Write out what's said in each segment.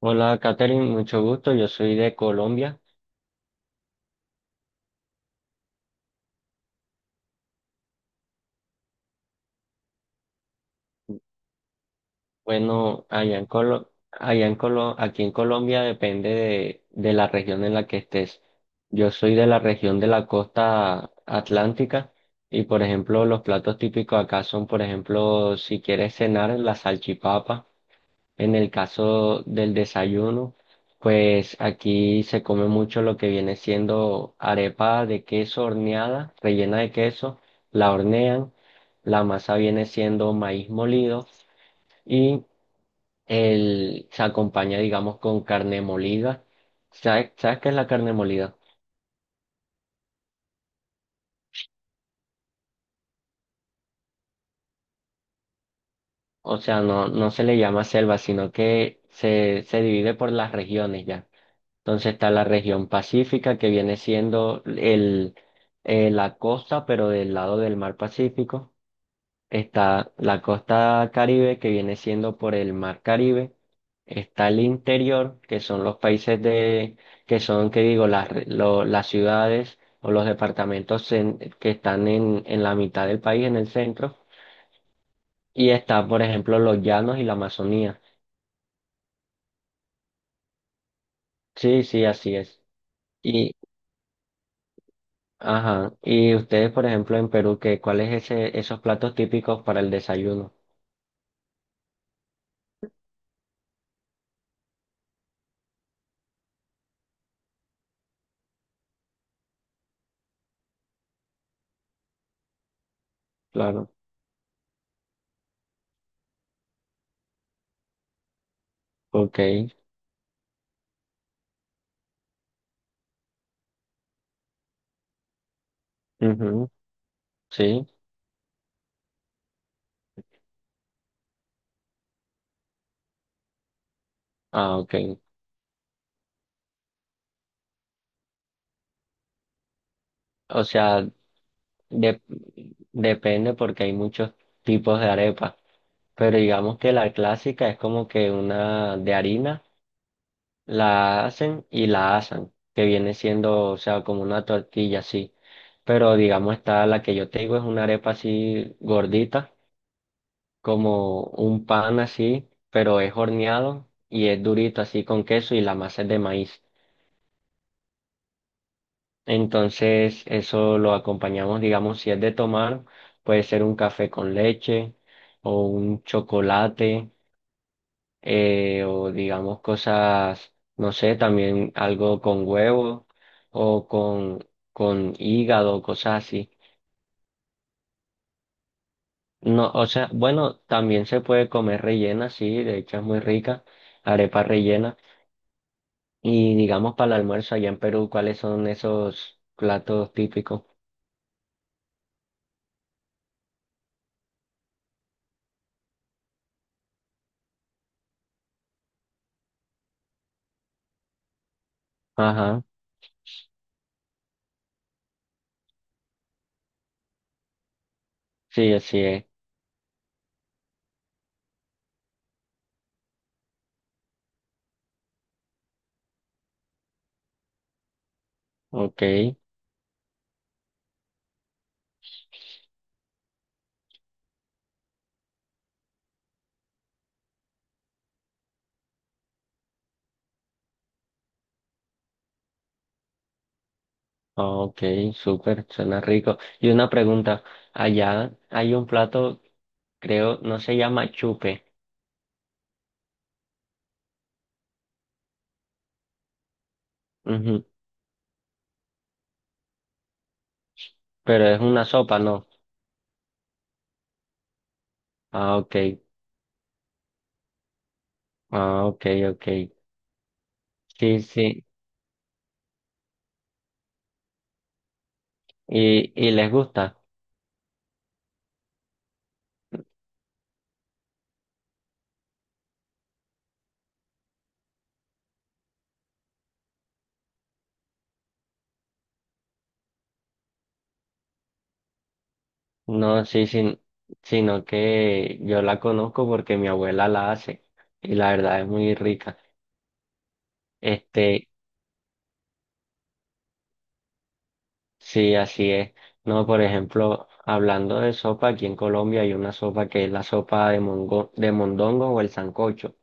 Hola, Katherine, mucho gusto. Yo soy de Colombia. Bueno, aquí en Colombia depende de la región en la que estés. Yo soy de la región de la costa atlántica y, por ejemplo, los platos típicos acá son, por ejemplo, si quieres cenar, la salchipapa. En el caso del desayuno, pues aquí se come mucho lo que viene siendo arepa de queso horneada, rellena de queso, la hornean, la masa viene siendo maíz molido y el, se acompaña, digamos, con carne molida. ¿Sabes qué es la carne molida? O sea, no, no se le llama selva, sino que se divide por las regiones ya. Entonces está la región pacífica, que viene siendo el, la costa, pero del lado del mar Pacífico. Está la costa Caribe, que viene siendo por el mar Caribe. Está el interior, que son los países de, que son, que digo, las, las ciudades o los departamentos que están en la mitad del país, en el centro. Y está, por ejemplo, los llanos y la Amazonía. Sí, sí, así es. Ajá. Y ustedes, por ejemplo, en Perú, ¿qué, cuál es ese, esos platos típicos para el desayuno? Claro. Ok. Ujú. Sí. Ah, ok. O sea, de- depende porque hay muchos tipos de arepa. Pero digamos que la clásica es como que una de harina, la hacen y la asan, que viene siendo, o sea, como una tortilla así. Pero digamos está la que yo te digo es una arepa así gordita como un pan así, pero es horneado y es durito así con queso y la masa es de maíz. Entonces eso lo acompañamos, digamos, si es de tomar, puede ser un café con leche o un chocolate o digamos cosas, no sé, también algo con huevo o con hígado, cosas así. No, o sea, bueno, también se puede comer rellena, sí, de hecho es muy rica, arepa rellena. Y digamos para el almuerzo allá en Perú, ¿cuáles son esos platos típicos? Ajá, sí, así es. Ok, ok, súper, suena rico. Y una pregunta, allá hay un plato, creo, no se llama chupe, ujú, pero es una sopa, ¿no? Ah, ok, ah, ok, ok. Sí, sí, y les gusta. No, sí, sí, sino que yo la conozco porque mi abuela la hace y la verdad es muy rica. Este, sí, así es. No, por ejemplo, hablando de sopa, aquí en Colombia hay una sopa que es la sopa de mondongo o el sancocho,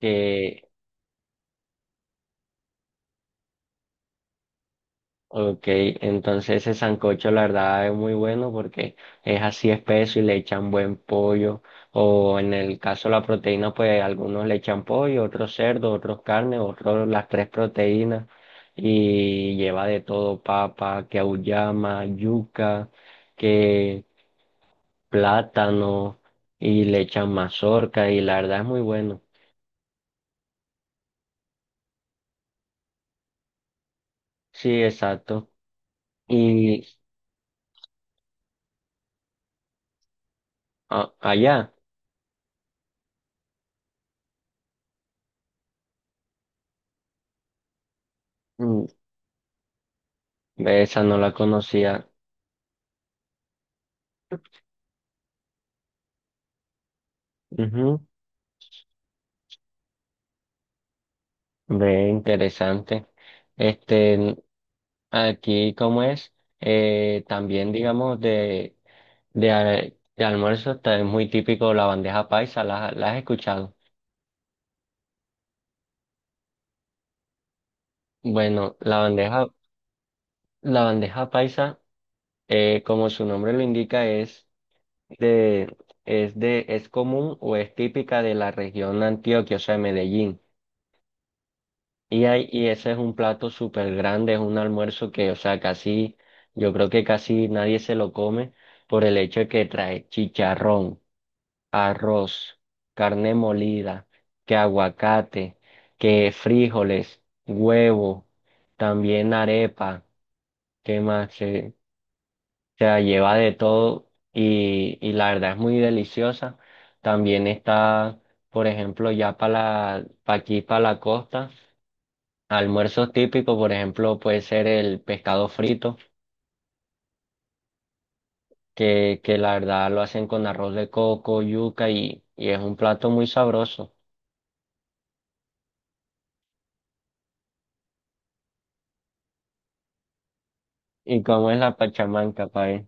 que, ok, entonces ese sancocho la verdad es muy bueno porque es así espeso y le echan buen pollo o en el caso de la proteína pues algunos le echan pollo, otros cerdo, otros carne, otros las tres proteínas y lleva de todo papa, que auyama, yuca, que plátano y le echan mazorca y la verdad es muy bueno. Sí, exacto. Y allá, mm, esa no la conocía. Ujú, ve, interesante. Este, aquí como es, también digamos de, de almuerzo es muy típico la bandeja paisa, ¿la, la has escuchado? Bueno, la bandeja paisa, como su nombre lo indica, es de, es de, es común o es típica de la región de Antioquia, o sea, de Medellín. Y, y ese es un plato súper grande, es un almuerzo que, o sea, casi, yo creo que casi nadie se lo come por el hecho de que trae chicharrón, arroz, carne molida, que aguacate, que frijoles, huevo, también arepa, ¿qué más? Se, o sea, lleva de todo y la verdad es muy deliciosa. También está, por ejemplo, ya para la, pa' aquí, para la costa. Almuerzos típicos, por ejemplo, puede ser el pescado frito, que la verdad lo hacen con arroz de coco, yuca y es un plato muy sabroso. ¿Y cómo es la pachamanca, pae?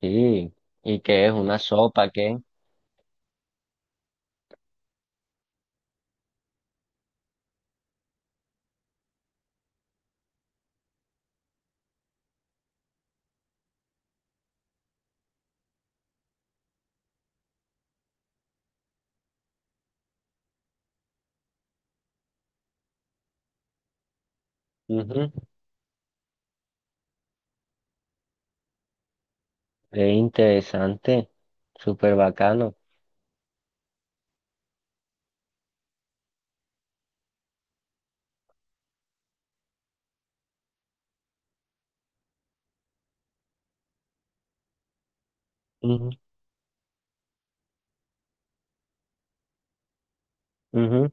Sí, ¿y qué es? ¿Una sopa? ¿Qué? Ujú, es interesante, súper bacano. Ujú, ujú,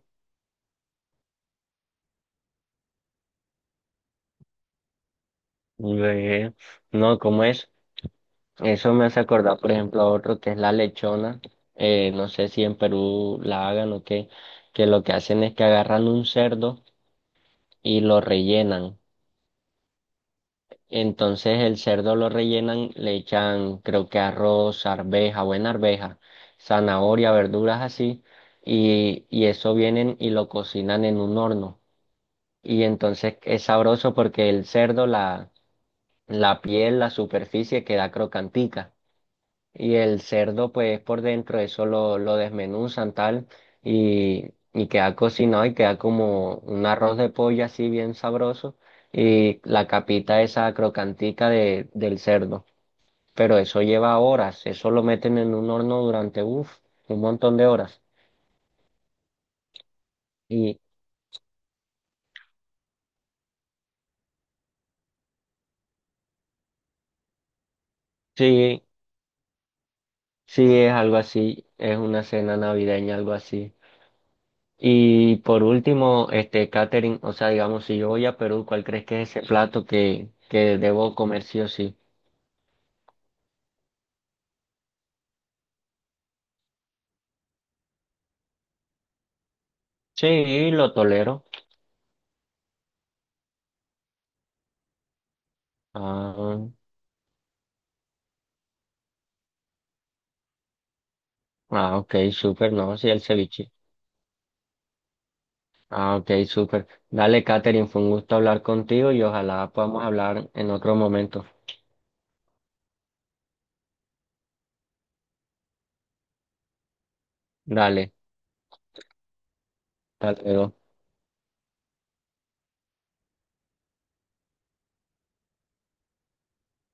ve, no, ¿cómo es? Eso me hace acordar, por ejemplo, a otro que es la lechona. No sé si en Perú la hagan o qué, que lo que hacen es que agarran un cerdo y lo rellenan. Entonces el cerdo lo rellenan, le echan creo que arroz, arveja, buena arveja, zanahoria, verduras así, y eso vienen y lo cocinan en un horno. Y entonces es sabroso porque el cerdo, la piel, la superficie queda crocantica. Y el cerdo, pues por dentro, eso lo desmenuzan tal y, y queda cocinado y queda como un arroz de pollo así bien sabroso y la capita esa crocantica de, del cerdo. Pero eso lleva horas, eso lo meten en un horno durante, uff, un montón de horas. Y sí, sí es algo así, es una cena navideña, algo así. Y por último, este catering, o sea, digamos, si yo voy a Perú, ¿cuál crees que es ese plato que debo comer sí o sí? Sí, lo tolero. Ah, ah, ok, súper, no, sí, el ceviche. Ah, ok, súper. Dale, Catherine fue un gusto hablar contigo y ojalá podamos hablar en otro momento. Dale, hasta luego.